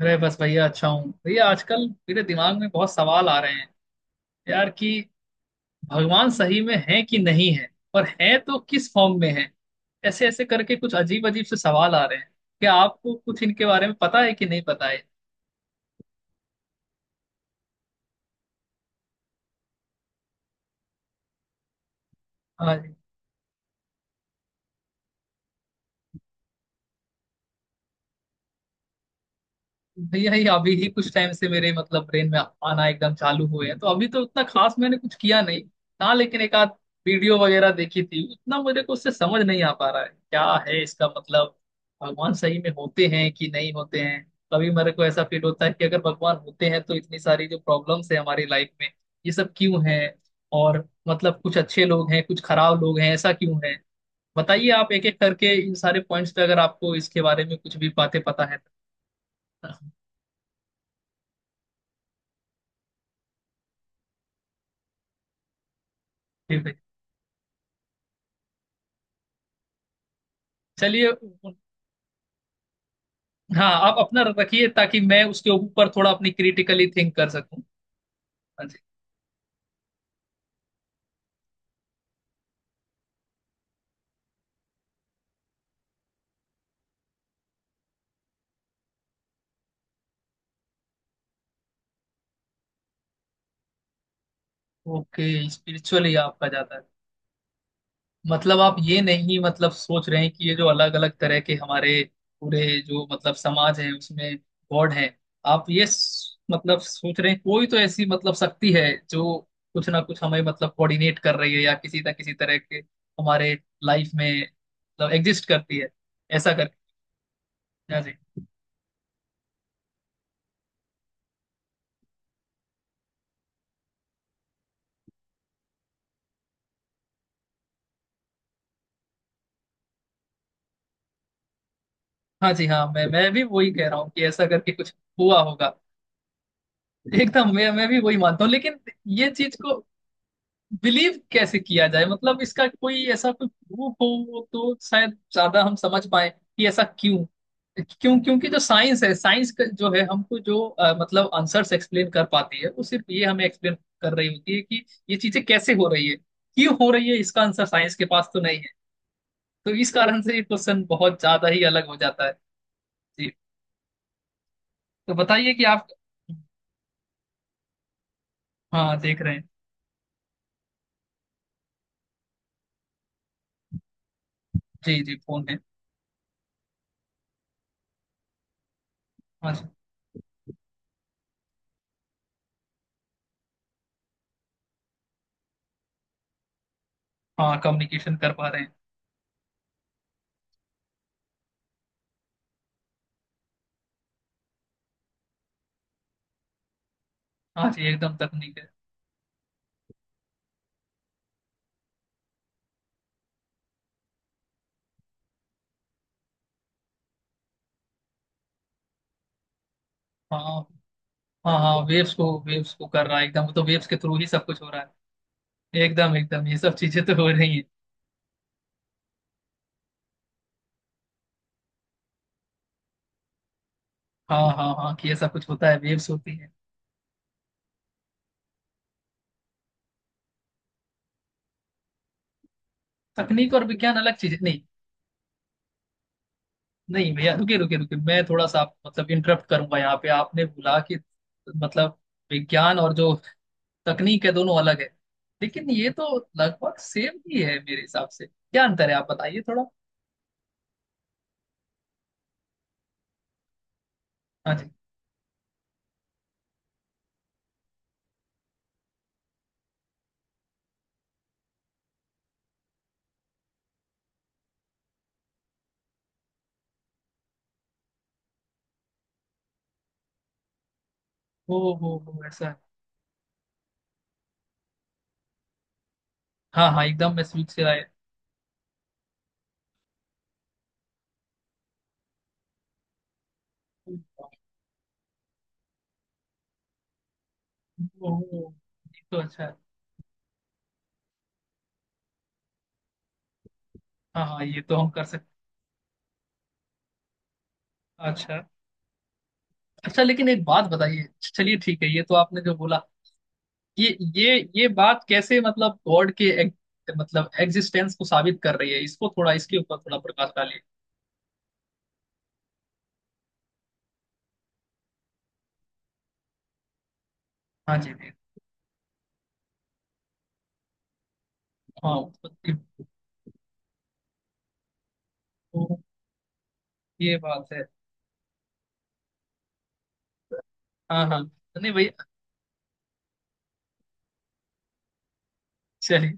अरे बस भैया अच्छा हूँ भैया। आजकल मेरे दिमाग में बहुत सवाल आ रहे हैं यार कि भगवान सही में है कि नहीं है। और है तो किस फॉर्म में है। ऐसे ऐसे करके कुछ अजीब अजीब से सवाल आ रहे हैं। क्या आपको कुछ इनके बारे में पता है कि नहीं पता है। हाँ, भैया ये अभी ही कुछ टाइम से मेरे मतलब ब्रेन में आना एकदम चालू हुए हैं तो अभी तो उतना खास मैंने कुछ किया नहीं। हाँ, लेकिन एक आध वीडियो वगैरह देखी थी। उतना मुझे को उससे समझ नहीं आ पा रहा है क्या है इसका मतलब। भगवान सही में होते हैं कि नहीं होते हैं। कभी मेरे को ऐसा फील होता है कि अगर भगवान होते हैं तो इतनी सारी जो प्रॉब्लम्स है हमारी लाइफ में, ये सब क्यों है। और मतलब कुछ अच्छे लोग हैं कुछ खराब लोग हैं, ऐसा क्यों है। बताइए आप एक एक करके इन सारे पॉइंट्स पे, अगर आपको इसके बारे में कुछ भी बातें पता है तो। चलिए। हाँ आप अपना रखिए ताकि मैं उसके ऊपर थोड़ा अपनी क्रिटिकली थिंक कर सकूं। हाँ जी। ओके, स्पिरिचुअली आपका जाता है। मतलब आप ये नहीं मतलब सोच रहे हैं कि ये जो अलग अलग तरह के हमारे पूरे जो मतलब समाज है उसमें गॉड है। आप ये मतलब सोच रहे हैं कोई तो ऐसी मतलब शक्ति है जो कुछ ना कुछ हमें मतलब कोऑर्डिनेट कर रही है या किसी ना किसी तरह के हमारे लाइफ में मतलब एग्जिस्ट करती है। ऐसा कर। हाँ जी। हाँ, मैं भी वही कह रहा हूँ कि ऐसा करके कुछ हुआ होगा। एकदम मैं भी वही मानता हूँ, लेकिन ये चीज को बिलीव कैसे किया जाए? मतलब इसका कोई ऐसा कोई प्रूफ हो तो शायद ज्यादा हम समझ पाए कि ऐसा क्यों क्यों। क्योंकि जो साइंस है, साइंस का जो है हमको जो मतलब आंसर्स एक्सप्लेन कर पाती है, वो सिर्फ ये हमें एक्सप्लेन कर रही होती है कि ये चीजें कैसे हो रही है क्यों हो रही है। इसका आंसर साइंस के पास तो नहीं है। तो इस कारण से ये क्वेश्चन बहुत ज्यादा ही अलग हो जाता है। जी। तो बताइए कि आप। हाँ देख रहे हैं। जी जी फोन है। हाँ जी हाँ, कम्युनिकेशन कर पा रहे हैं। हाँ जी एकदम तकनीक है। हाँ हाँ हाँ, वेव्स को कर रहा है एकदम। तो वेव्स के थ्रू ही सब कुछ हो रहा है। एकदम एकदम, ये सब चीजें तो हो रही हैं। हाँ हाँ हाँ, कि ये सब कुछ होता है वेव्स होती है। तकनीक और विज्ञान अलग चीजें नहीं। नहीं भैया, रुके रुके रुके, मैं थोड़ा सा आप मतलब इंटरप्ट करूंगा यहाँ पे। आपने बोला कि मतलब विज्ञान और जो तकनीक है दोनों अलग है। लेकिन ये तो लगभग सेम ही है मेरे हिसाब से। क्या अंतर है आप बताइए थोड़ा। हाँ जी। ओ हो, ऐसा है। हाँ हाँ एकदम, मैं स्विच से आया। ओ हो, ये तो अच्छा है। हाँ हाँ, ये तो हम कर सकते। अच्छा अच्छा, लेकिन एक बात बताइए। चलिए ठीक है, ये तो आपने जो बोला, ये बात कैसे मतलब गॉड के एक, मतलब एग्जिस्टेंस को साबित कर रही है? इसको थोड़ा इसके ऊपर थोड़ा प्रकाश डालिए। हाँ जी जी। हाँ उत्पत्ति। तो ये बात है। हाँ हाँ। नहीं भैया। चलिए।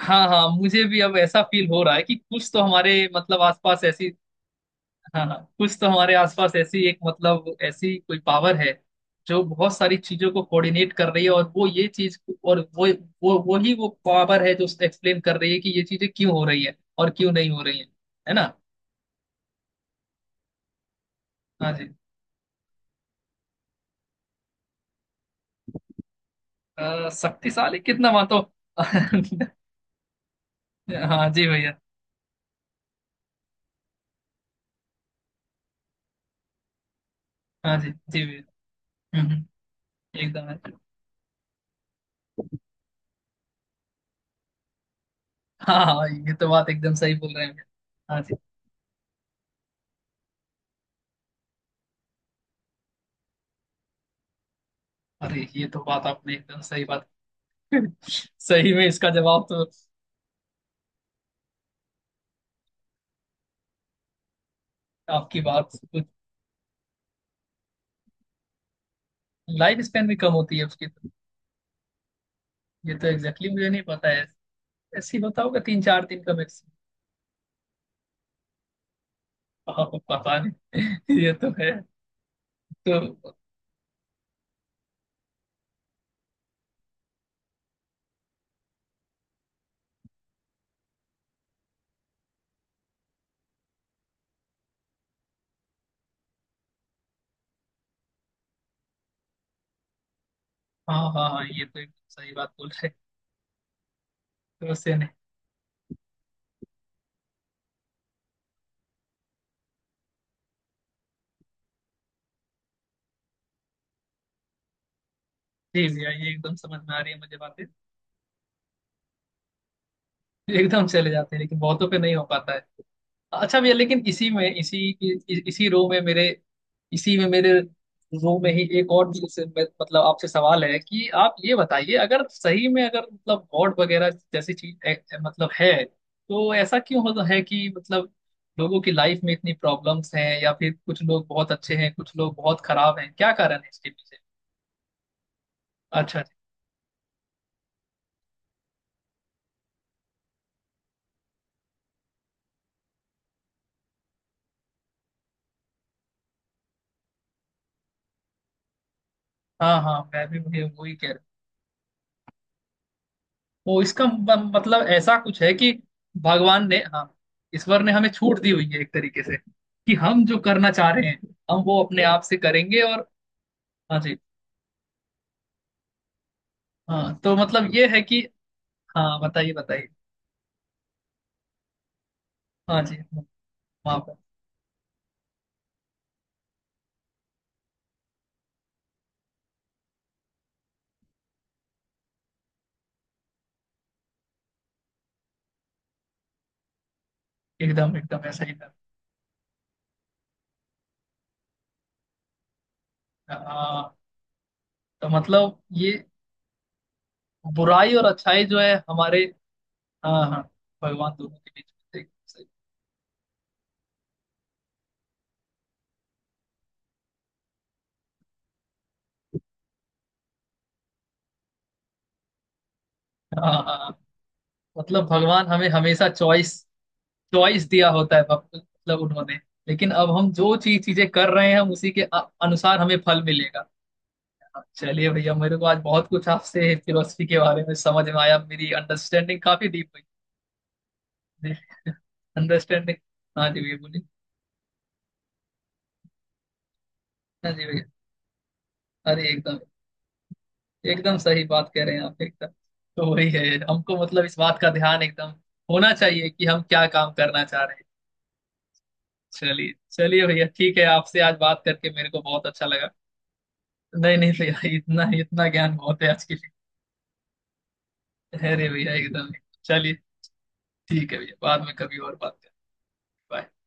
हाँ हाँ, मुझे भी अब ऐसा फील हो रहा है कि कुछ तो हमारे मतलब आसपास ऐसी। हाँ हाँ। कुछ तो हमारे आसपास ऐसी एक मतलब ऐसी कोई पावर है जो बहुत सारी चीजों को कोऑर्डिनेट कर रही है। और वो और वो वही वो पावर है जो एक्सप्लेन कर रही है कि ये चीजें क्यों हो रही है और क्यों नहीं हो रही है। है ना। हाँ जी। शक्तिशाली कितना मातो। हाँ जी भैया। हाँ जी जी भैया। हम्म, हम्म, एकदम है। हाँ हाँ हाँ, ये तो बात एकदम सही बोल रहे हैं भैया। हाँ जी। अरे ये तो बात आपने एकदम सही बात। सही में इसका जवाब तो। आपकी बात। लाइफ स्पैन भी कम होती है उसकी तो। ये तो एग्जैक्टली। exactly मुझे नहीं पता है। ऐसी होता होगा 3-4 दिन का मैक्सिमम। हाँ। पता नहीं। ये तो है। तो। हाँ हाँ हाँ, ये तो एकदम सही बात बोल रहे हैं। तो उससे नहीं। जी भैया, ये एकदम समझ में आ रही है मुझे बातें। एकदम चले जाते हैं, लेकिन बहुतों पे नहीं हो पाता है। अच्छा भैया, लेकिन इसी में इसी इसी रो में मेरे। इसी में मेरे रो में ही एक और भी, जैसे मतलब आपसे सवाल है कि आप ये बताइए, अगर सही में अगर मतलब गॉड वगैरह जैसी चीज मतलब है, तो ऐसा क्यों होता है कि मतलब लोगों की लाइफ में इतनी प्रॉब्लम्स हैं या फिर कुछ लोग बहुत अच्छे हैं कुछ लोग बहुत खराब हैं? क्या कारण है इसके पीछे? अच्छा जी। हाँ हाँ, मैं भी मुझे वही कह रहा। वो इसका मतलब ऐसा कुछ है कि भगवान ने, हाँ, ईश्वर ने हमें छूट दी हुई है एक तरीके से, कि हम जो करना चाह रहे हैं हम वो अपने आप से करेंगे और। हाँ जी। हाँ तो मतलब ये है कि। हाँ बताइए बताइए। हाँ जी। माफ है। एकदम एकदम ऐसा ही था। हाँ तो मतलब ये बुराई और अच्छाई जो है हमारे। हाँ हाँ। भगवान दोनों के बीच में थे। सही। हाँ हाँ हाँ, मतलब भगवान हमें हमेशा चॉइस, चॉइस दिया होता है मतलब उन्होंने। लेकिन अब हम जो चीजें कर रहे हैं हम उसी के अनुसार हमें फल मिलेगा। चलिए भैया, मेरे को आज बहुत कुछ आपसे फिलोसफी के बारे में समझ में आया। मेरी अंडरस्टैंडिंग काफी डीप हुई। जी। अंडरस्टैंडिंग। हाँ जी भैया बोलिए। हाँ जी भैया। अरे एकदम एकदम सही बात कह रहे हैं आप एकदम। तो वही है। हमको मतलब इस बात का ध्यान एकदम होना चाहिए कि हम क्या काम करना चाह रहे हैं। चलिए चलिए भैया, ठीक है, आपसे आज बात करके मेरे को बहुत अच्छा लगा। नहीं नहीं भैया, इतना इतना ज्ञान बहुत है आज की। अरे भैया एकदम। चलिए। ठीक है भैया, बाद में कभी और बात करें। Bye.